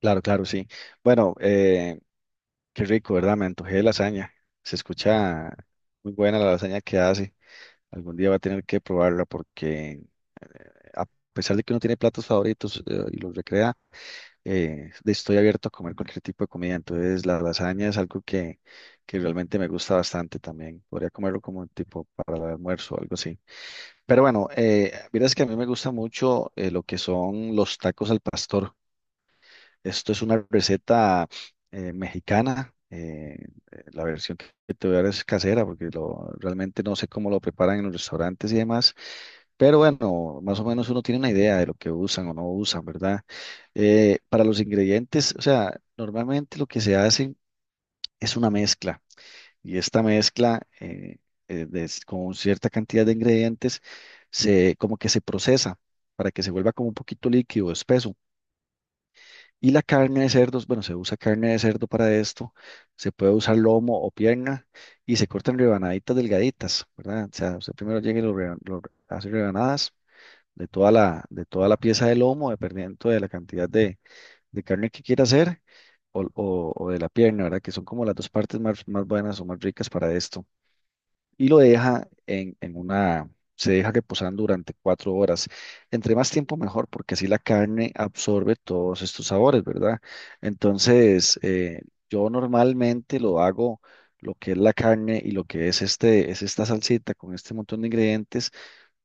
Claro, claro, sí. Bueno, qué rico, ¿verdad? Me antojé de lasaña. Se escucha muy buena la lasaña que hace. Algún día va a tener que probarla porque a pesar de que uno tiene platos favoritos y los recrea, estoy abierto a comer cualquier tipo de comida. Entonces, la lasaña es algo que realmente me gusta bastante también. Podría comerlo como tipo para el almuerzo o algo así. Pero bueno, verás que a mí me gusta mucho lo que son los tacos al pastor. Esto es una receta mexicana. La versión que te voy a dar es casera, porque realmente no sé cómo lo preparan en los restaurantes y demás. Pero bueno, más o menos uno tiene una idea de lo que usan o no usan, ¿verdad? Para los ingredientes, o sea, normalmente lo que se hace es una mezcla. Y esta mezcla con cierta cantidad de ingredientes como que se procesa para que se vuelva como un poquito líquido, espeso. Y la carne de cerdos, bueno, se usa carne de cerdo para esto, se puede usar lomo o pierna y se cortan rebanaditas delgaditas, ¿verdad? O sea, usted primero llega y lo, reba- lo re- hace rebanadas de de toda la pieza de lomo, dependiendo de la cantidad de carne que quiera hacer o de la pierna, ¿verdad? Que son como las dos partes más buenas o más ricas para esto y lo deja en una, se deja reposando durante 4 horas. Entre más tiempo mejor, porque así la carne absorbe todos estos sabores, ¿verdad? Entonces, yo normalmente lo hago, lo que es la carne y lo que es es esta salsita con este montón de ingredientes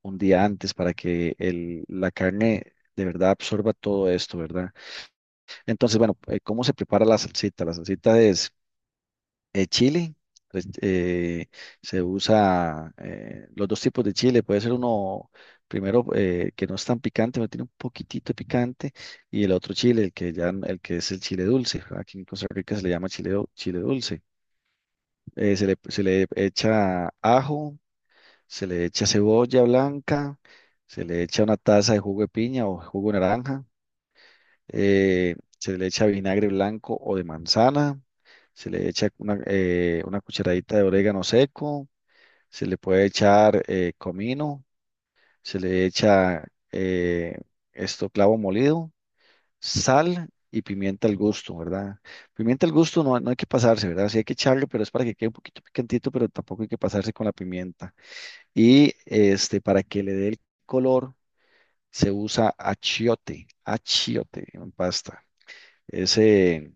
un día antes para que la carne de verdad absorba todo esto, ¿verdad? Entonces, bueno, ¿cómo se prepara la salsita? La salsita es chile, pues, se usa los dos tipos de chile. Puede ser uno primero que no es tan picante, pero tiene un poquitito de picante, y el otro chile, el que es el chile dulce. Aquí en Costa Rica se le llama chile dulce. Se le echa ajo, se le echa cebolla blanca, se le echa una taza de jugo de piña o jugo de naranja, se le echa vinagre blanco o de manzana, se le echa una cucharadita de orégano seco, se le puede echar comino, se le echa eh, esto clavo molido, sal y pimienta al gusto, ¿verdad? Pimienta al gusto no hay que pasarse, ¿verdad? Sí hay que echarle, pero es para que quede un poquito picantito, pero tampoco hay que pasarse con la pimienta. Y este, para que le dé el color, se usa achiote, achiote en pasta. Ese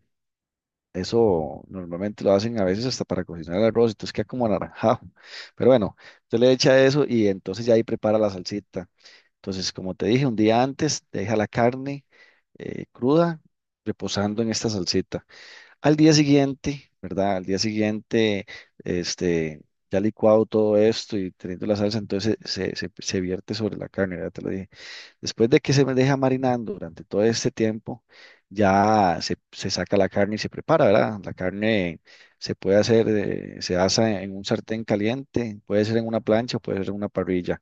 Eso normalmente lo hacen a veces hasta para cocinar el arroz, entonces queda como anaranjado. Pero bueno, usted le echa eso y entonces ya ahí prepara la salsita. Entonces, como te dije, un día antes deja la carne cruda reposando en esta salsita. Al día siguiente, ¿verdad? Al día siguiente, este, ya licuado todo esto y teniendo la salsa, entonces se vierte sobre la carne, ya te lo dije. Después de que se me deja marinando durante todo este tiempo, se saca la carne y se prepara, ¿verdad? La carne se puede hacer, se asa en un sartén caliente, puede ser en una plancha o puede ser en una parrilla.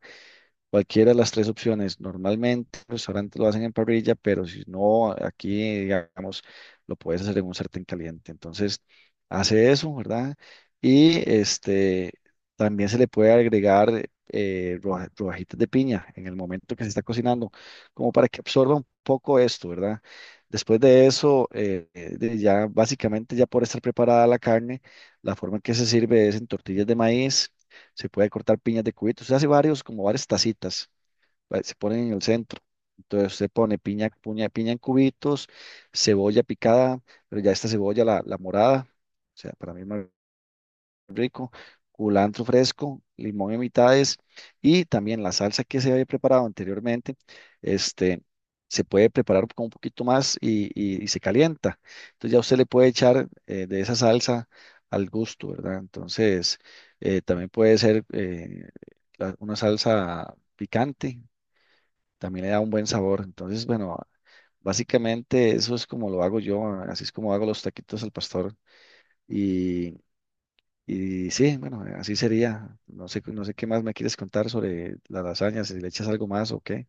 Cualquiera de las tres opciones. Normalmente los restaurantes lo hacen en parrilla, pero si no, aquí, digamos, lo puedes hacer en un sartén caliente. Entonces, hace eso, ¿verdad? Y este, también se le puede agregar rodajitas de piña en el momento que se está cocinando, como para que absorba un poco esto, ¿verdad? Después de eso, de ya básicamente ya por estar preparada la carne, la forma en que se sirve es en tortillas de maíz. Se puede cortar piñas de cubitos. Usted hace varios, como varias tacitas, ¿vale? Se ponen en el centro. Entonces se pone piña en cubitos, cebolla picada, pero ya esta cebolla, la morada, o sea, para mí rico, culantro fresco, limón en mitades y también la salsa que se había preparado anteriormente, este, se puede preparar con un poquito más y se calienta. Entonces ya usted le puede echar de esa salsa al gusto, ¿verdad? Entonces también puede ser una salsa picante, también le da un buen sabor. Entonces, bueno, básicamente eso es como lo hago yo, así es como hago los taquitos al pastor. Y y sí, bueno, así sería. No sé, no sé qué más me quieres contar sobre las lasañas, si le echas algo más o qué.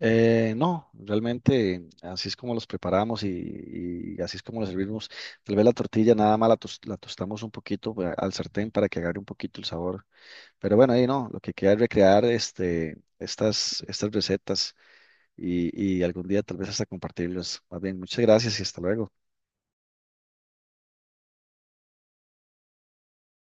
No, realmente así es como los preparamos y así es como los servimos. Tal vez la tortilla nada más la tostamos un poquito pues, al sartén para que agarre un poquito el sabor. Pero bueno, ahí no, lo que queda es recrear estas recetas y algún día tal vez hasta compartirlas. Más bien, muchas gracias y hasta luego.